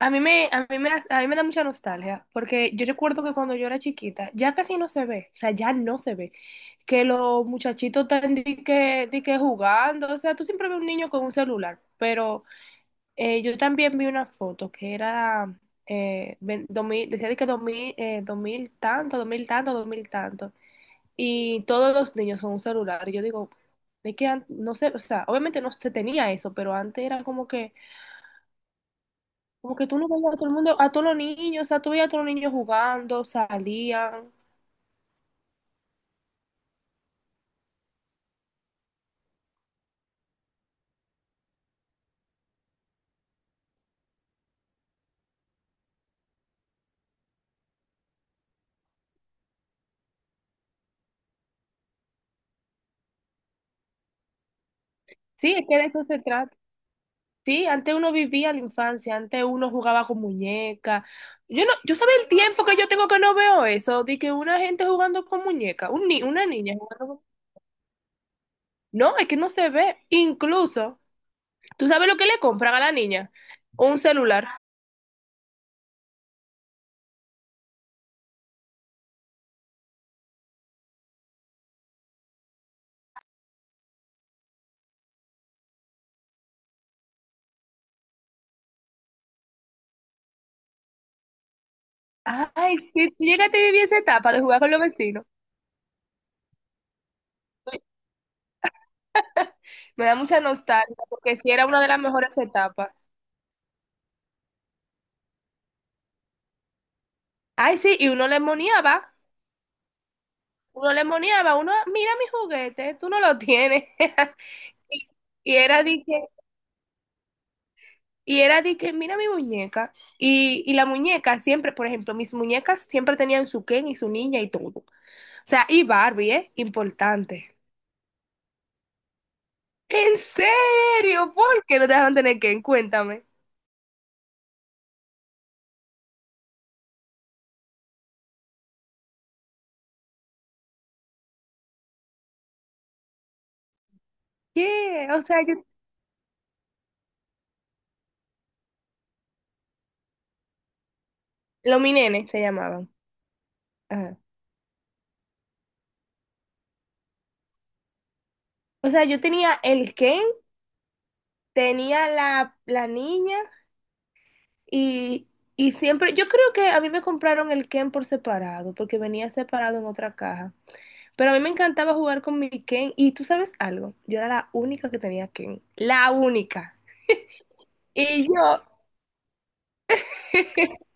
A mí me, hace- a mí me da mucha nostalgia, porque yo recuerdo que cuando yo era chiquita, ya casi no se ve, o sea, ya no se ve, que los muchachitos están di que jugando. O sea, tú siempre ves un niño con un celular, pero yo también vi una foto que era, 2000 decía, de que 2000 2000 tanto, 2000 tanto, 2000 tanto, y todos los niños con un celular. Y yo digo, es que no sé, o sea, obviamente no se tenía eso, pero antes era como que tú no veías a todo el mundo, a todos los niños. O sea, tú veías a todos los niños jugando, salían. Sí, es que de eso se trata. Sí, antes uno vivía la infancia, antes uno jugaba con muñecas. Yo no, yo sabía el tiempo que yo tengo que no veo eso, de que una gente jugando con muñecas, un ni- una niña jugando con. No, es que no se ve. Incluso, ¿tú sabes lo que le compran a la niña? Un celular. Ay, si tú llegaste a vivir esa etapa de jugar con los vecinos, me da mucha nostalgia, porque sí era una de las mejores etapas. Ay, sí, y uno le moniaba. Uno le moneaba, uno, mira mi juguete, tú no lo tienes. Y, y era de que, y era de que, mira mi muñeca. Y la muñeca siempre, por ejemplo, mis muñecas siempre tenían su Ken y su niña y todo. O sea, y Barbie, ¿eh? Importante. ¿En serio? ¿Por qué no te dejaban tener Ken? Cuéntame. ¿Qué? O sea, yo... Los mi nene se llamaban. Ajá. O sea, yo tenía el Ken, tenía la niña. Y, y siempre, yo creo que a mí me compraron el Ken por separado, porque venía separado en otra caja. Pero a mí me encantaba jugar con mi Ken. Y tú sabes algo, yo era la única que tenía Ken. La única. Y yo,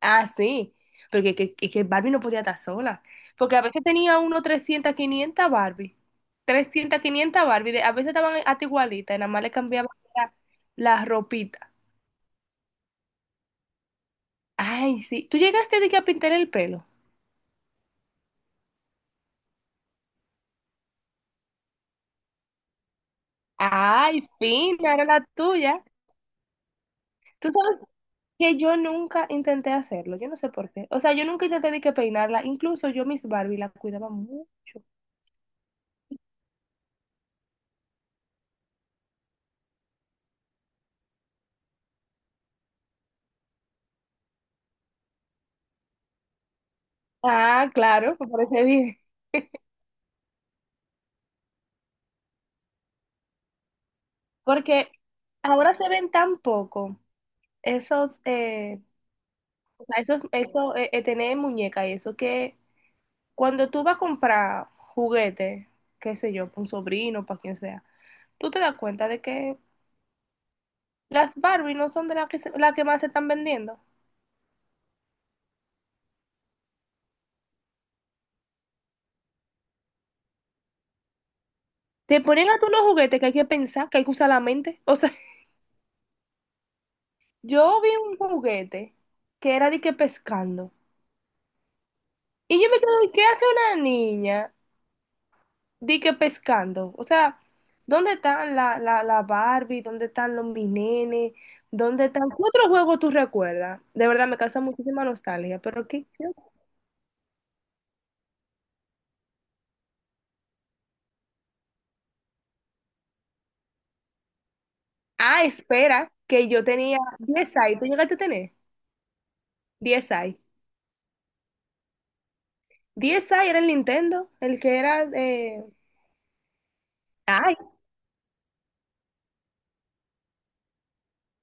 ah, sí, porque que Barbie no podía estar sola. Porque a veces tenía uno 300 500 Barbie, a veces estaban hasta igualitas, y nada más le cambiaban la, la ropita. Ay, sí. ¿Tú llegaste de que a pintar el pelo? Ay, fina, era la tuya. Tú sabes que yo nunca intenté hacerlo, yo no sé por qué. O sea, yo nunca intenté de que peinarla, incluso yo mis Barbie la cuidaba mucho. Ah, claro, me parece bien. Porque ahora se ven tan poco esos, o sea, tener muñeca y eso, que cuando tú vas a comprar juguete, qué sé yo, para un sobrino, para quien sea, tú te das cuenta de que las Barbie no son de las que, la que más se están vendiendo. Te ponen a todos los juguetes que hay que pensar, que hay que usar la mente. O sea, yo vi un juguete que era de que pescando. Y yo me quedé, ¿qué hace una niña de que pescando? O sea, ¿dónde están la Barbie? ¿Dónde están los mi nenes? ¿Dónde están? ¿Qué otro juego tú recuerdas? De verdad me causa muchísima nostalgia, pero ¿qué? Ah, espera, que yo tenía 10 ahí. ¿Tú llegaste a tener? 10 ahí. 10 ahí era el Nintendo, el que era...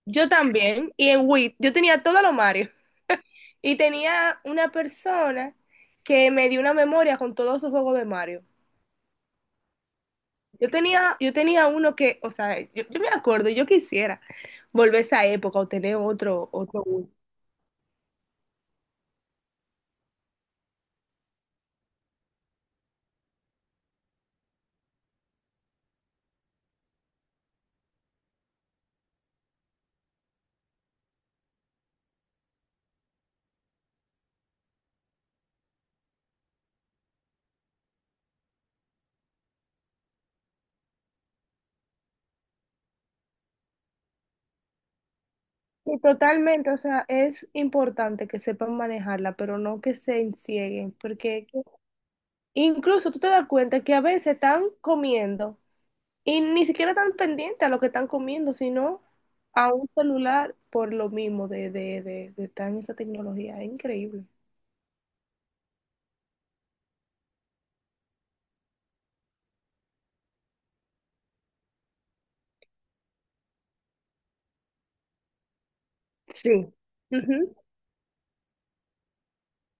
Yo también, y en Wii, yo tenía todos los Mario. Y tenía una persona que me dio una memoria con todos sus juegos de Mario. Yo tenía uno que, o sea, yo me acuerdo, yo quisiera volver a esa época o tener otro Wii. Y totalmente, o sea, es importante que sepan manejarla, pero no que se encieguen, porque incluso tú te das cuenta que a veces están comiendo. Y ni siquiera están pendientes a lo que están comiendo, sino a un celular por lo mismo de estar en esa tecnología. Es increíble. Sí. Ujú.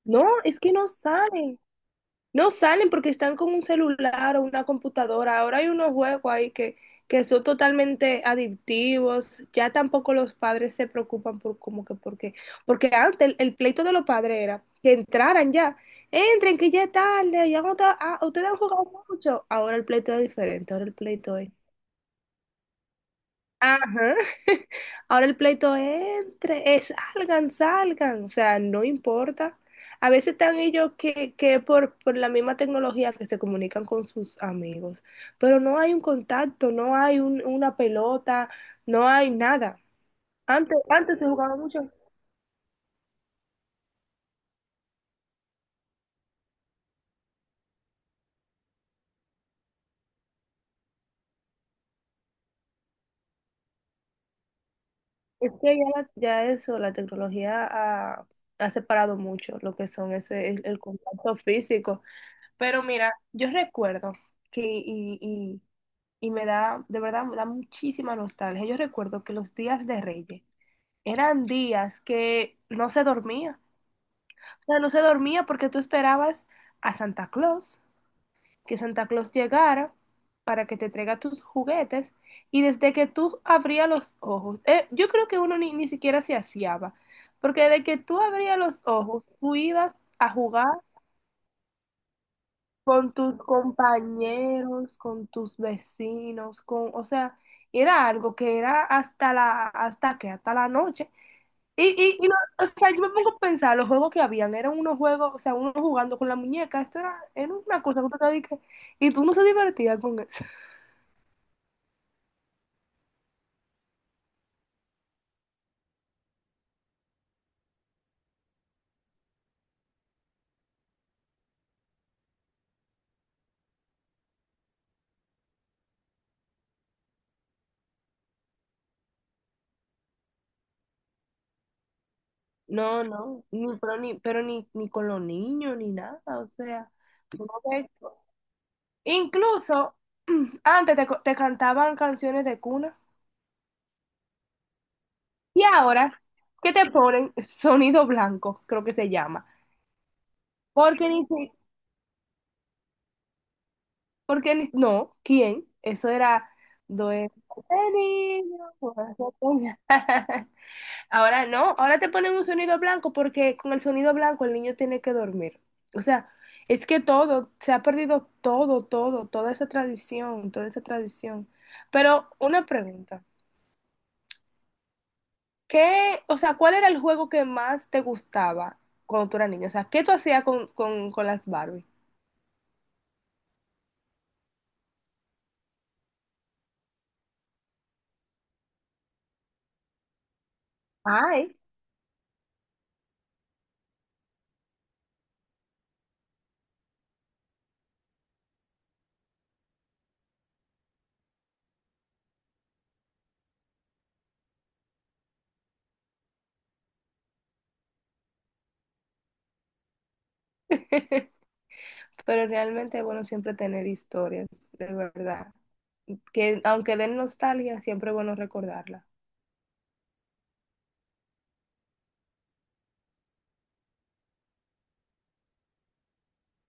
No, es que no salen. No salen porque están con un celular o una computadora. Ahora hay unos juegos ahí que son totalmente adictivos. Ya tampoco los padres se preocupan por como que porque. Porque antes el pleito de los padres era que entraran ya. Entren, que ya es tarde, ya no está- ah, ustedes han jugado mucho. Ahora el pleito es diferente, ahora el pleito es. Ajá. Ahora el pleito entre, salgan, salgan, o sea, no importa. A veces están ellos que por la misma tecnología que se comunican con sus amigos, pero no hay un contacto, no hay una pelota, no hay nada. Antes se jugaba mucho. Es que ya, ya eso, la tecnología ha separado mucho lo que son el contacto físico. Pero mira, yo recuerdo que, de verdad, me da muchísima nostalgia. Yo recuerdo que los días de Reyes eran días que no se dormía. O sea, no se dormía porque tú esperabas a Santa Claus, que Santa Claus llegara para que te traiga tus juguetes. Y desde que tú abrías los ojos, yo creo que uno ni siquiera se aseaba, porque desde que tú abrías los ojos, tú ibas a jugar con tus compañeros, con tus vecinos, con, o sea, era algo que era hasta la noche. Y no, o sea, yo me pongo a pensar, los juegos que habían, eran unos juegos, o sea, uno jugando con la muñeca, esto era una cosa que tú te dedicas, y tú no se divertías con eso. No, no, ni con los niños, ni nada. O sea, tú no ves- incluso, antes te cantaban canciones de cuna. Y ahora, ¿qué te ponen? Sonido blanco, creo que se llama. Porque ni si- porque ni- no, ¿quién? Eso era duerme, niño, duerme. Ahora no, ahora te ponen un sonido blanco porque con el sonido blanco el niño tiene que dormir. O sea, es que todo, se ha perdido todo, todo, toda esa tradición, toda esa tradición. Pero una pregunta. ¿O sea, cuál era el juego que más te gustaba cuando tú eras niña? O sea, ¿qué tú hacías con, las Barbie? Ay. Pero realmente es bueno siempre tener historias, de verdad. Que aunque den nostalgia, siempre es bueno recordarla.